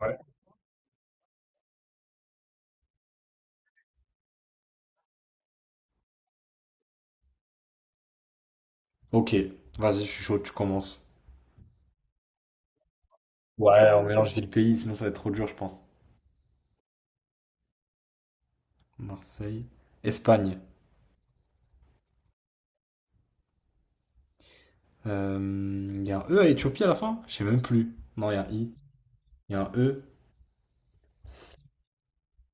Ouais. Ok, vas-y, je suis chaud, tu commences. Ouais, on mélange ville-pays, sinon ça va être trop dur, je pense. Marseille. Espagne. Il y a un E à Éthiopie à la fin? Je sais même plus. Non, il y a un I. Il y a un E.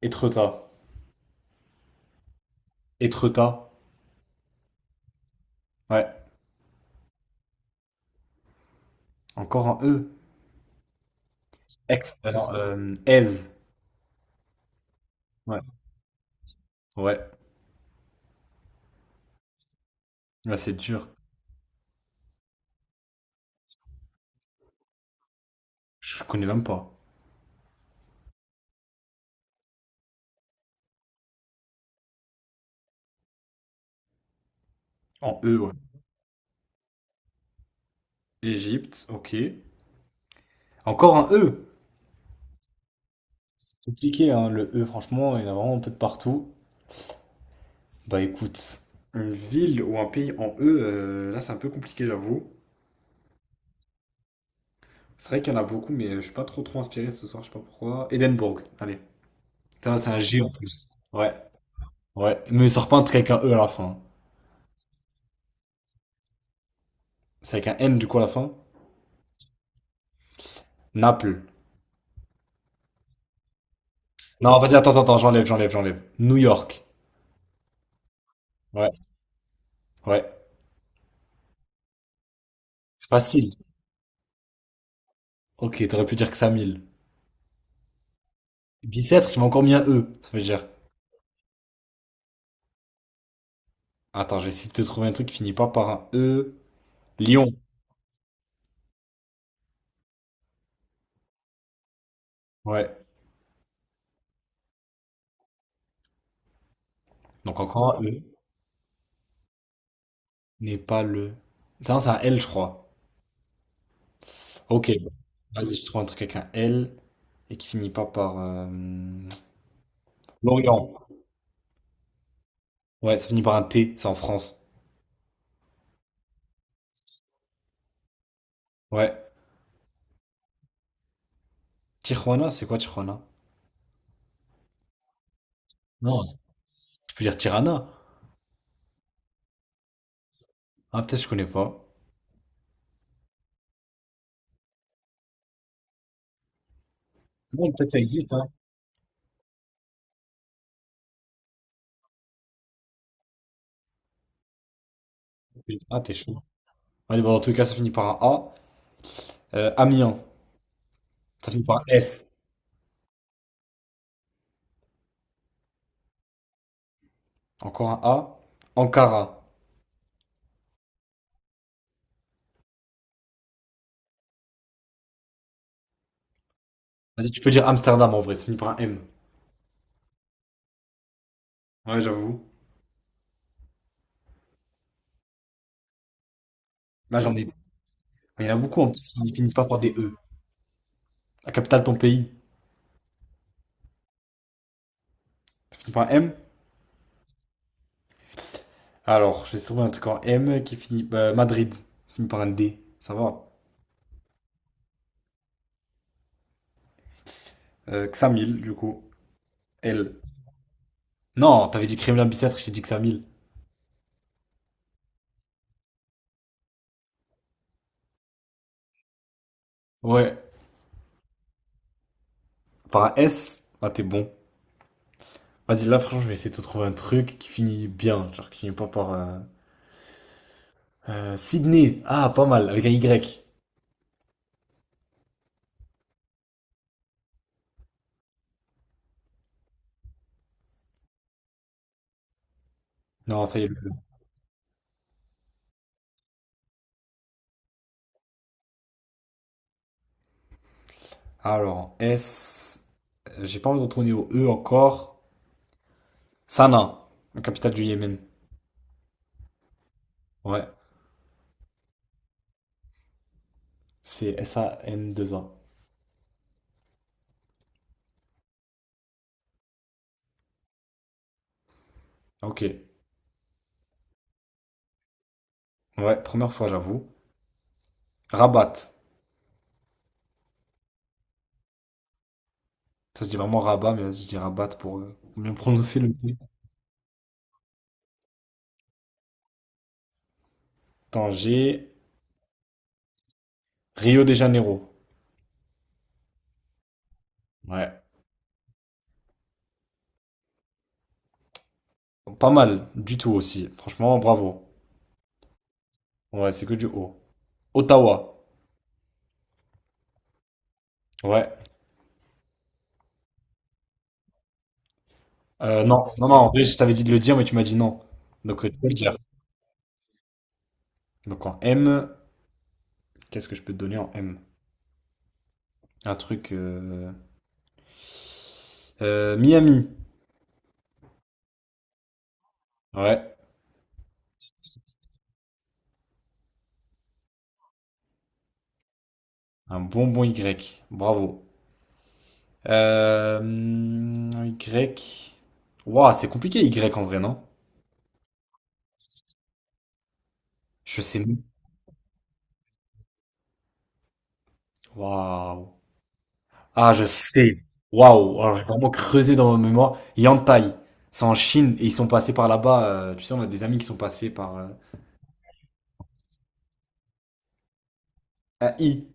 Étretat. Étretat. Ouais. Encore un E. Ex. Non, Aise. Ouais. Ouais. Là, c'est dur. Je connais même pas. En E, ouais. Égypte, ok. Encore un E. C'est compliqué, hein, le E, franchement, il y en a vraiment peut-être partout. Bah écoute, une ville ou un pays en E, là c'est un peu compliqué, j'avoue. C'est vrai qu'il y en a beaucoup, mais je suis pas trop inspiré ce soir, je sais pas pourquoi. Édimbourg, allez. Putain, c'est un G en plus. Ouais, ouais. Mais il sort pas un truc avec un E à la fin. C'est avec un N du coup à la fin. Naples. Non, vas-y, attends, attends, j'enlève, j'enlève, j'enlève. New York. Ouais, ouais. C'est facile. Ok, t'aurais pu dire que ça mille. Bicêtre, tu m'as encore mis un E, ça veut dire. Attends, je vais essayer de te trouver un truc qui finit pas par un E. Lyon. Ouais. Donc encore un E. N'est pas le. Putain, c'est un L, je crois. Ok. Bon. Vas-y, je trouve un truc avec un L et qui finit pas par. Lorient. Ouais, ça finit par un T, c'est en France. Ouais. Tijuana, c'est quoi Tijuana? Non, tu peux dire Tirana. Ah, peut-être je connais pas. Peut-être ça existe, hein. Ah, t'es chaud. Ouais, bah, en tout cas, ça finit par un A. Amiens, ça finit par un S. Encore un A. Ankara. Vas-y, tu peux dire Amsterdam en vrai, ça finit par un M. Ouais, j'avoue. Là, j'en ai. Il y en a beaucoup en plus qui finissent pas par des E. La capitale de ton pays, ça finit par un M. Alors, j'ai trouvé un truc en M qui finit. Madrid, qui finit par un D. Ça va. Xamil, du coup. L. Non, t'avais dit Kremlin Bicêtre, je t'ai dit Xamil. Ouais. Par un S, ah, t'es bon. Vas-y, là, franchement, je vais essayer de te trouver un truc qui finit bien. Genre, qui finit pas par. Sydney. Ah, pas mal, avec un Y. Non, ça y est. E. Alors, S. J'ai pas envie de retourner au E encore. Sanaa, la capitale du Yémen. Ouais. C'est S-A-NAA. Ok. Ouais, première fois, j'avoue. Rabat. Ça se dit vraiment Rabat, mais vas-y, je dis Rabat pour bien prononcer le T. Tanger, Rio de Janeiro. Ouais. Pas mal du tout aussi. Franchement, bravo. Ouais, c'est que du haut. Ottawa. Ouais. Non, non, non, en vrai, je t'avais dit de le dire, mais tu m'as dit non. Donc, tu peux le dire. Donc, en M, qu'est-ce que je peux te donner en M? Un truc. Miami. Ouais. Un bonbon Y. Bravo. Y. Waouh, c'est compliqué, Y en vrai, non? Je sais. Waouh. Ah, je sais. Waouh. Alors, j'ai vraiment creusé dans ma mémoire. Yantai. C'est en Chine et ils sont passés par là-bas. Tu sais, on a des amis qui sont passés par un I.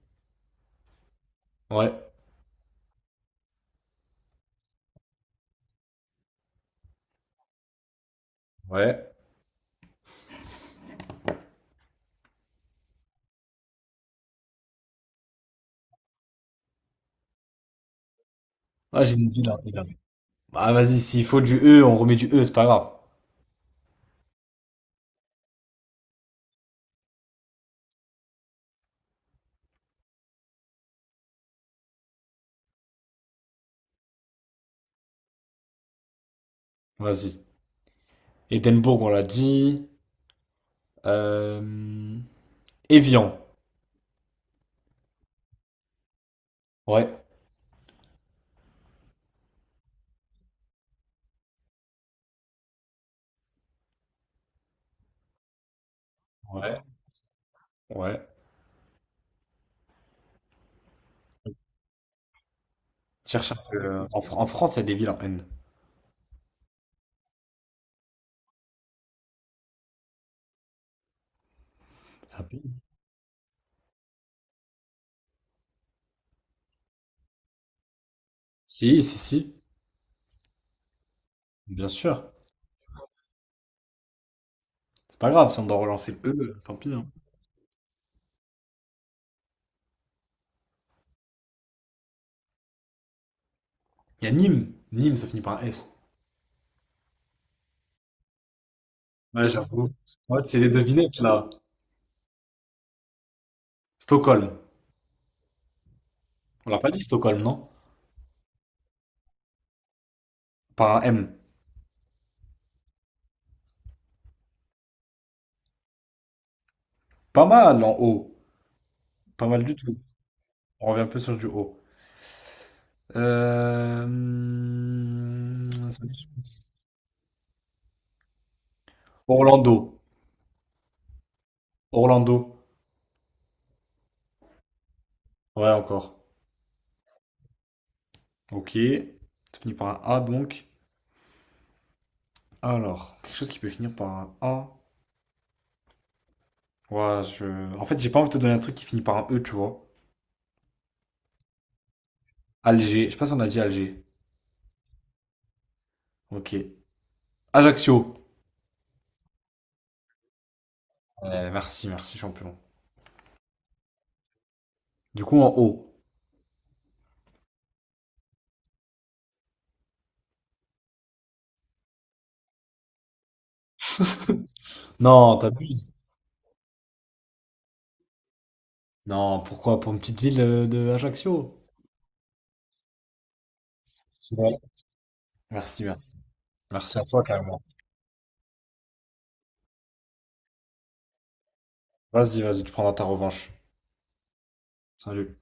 Ouais. Ouais. Ah, j'ai une ville. Bah, vas-y, s'il faut du E, on remet du E, c'est pas grave. Vas-y. Édimbourg, on l'a dit. Euh... Évian. Ouais. Ouais. Ouais. Cherche un peu. En France, il y a des villes en N. Ça paye. Si, si, si. Bien sûr. C'est pas grave, si on doit relancer le E, tant pis, hein. Il y a Nîmes. Nîmes, ça finit par un S. Ouais, j'avoue. Ouais, c'est des devinettes là. Stockholm. On l'a pas dit Stockholm, non? Par un M. Pas mal en haut. Pas mal du tout. On revient un peu sur du haut. Euh... hum, ça- Orlando. Orlando. Ouais, encore. Ok. Ça finit par un A donc. Alors, quelque chose qui peut finir par un A. Ouais, je... En fait, j'ai pas envie de te donner un truc qui finit par un E, tu vois. Alger. Je sais pas si on a dit Alger. Ok. Ajaccio. Ouais, merci, merci, champion. Du coup, en haut. Non, t'abuses. Non, pourquoi? Pour une petite ville de Ajaccio. C'est vrai. Merci, merci. Merci à toi, carrément. Vas-y, vas-y, tu prendras ta revanche. Salut.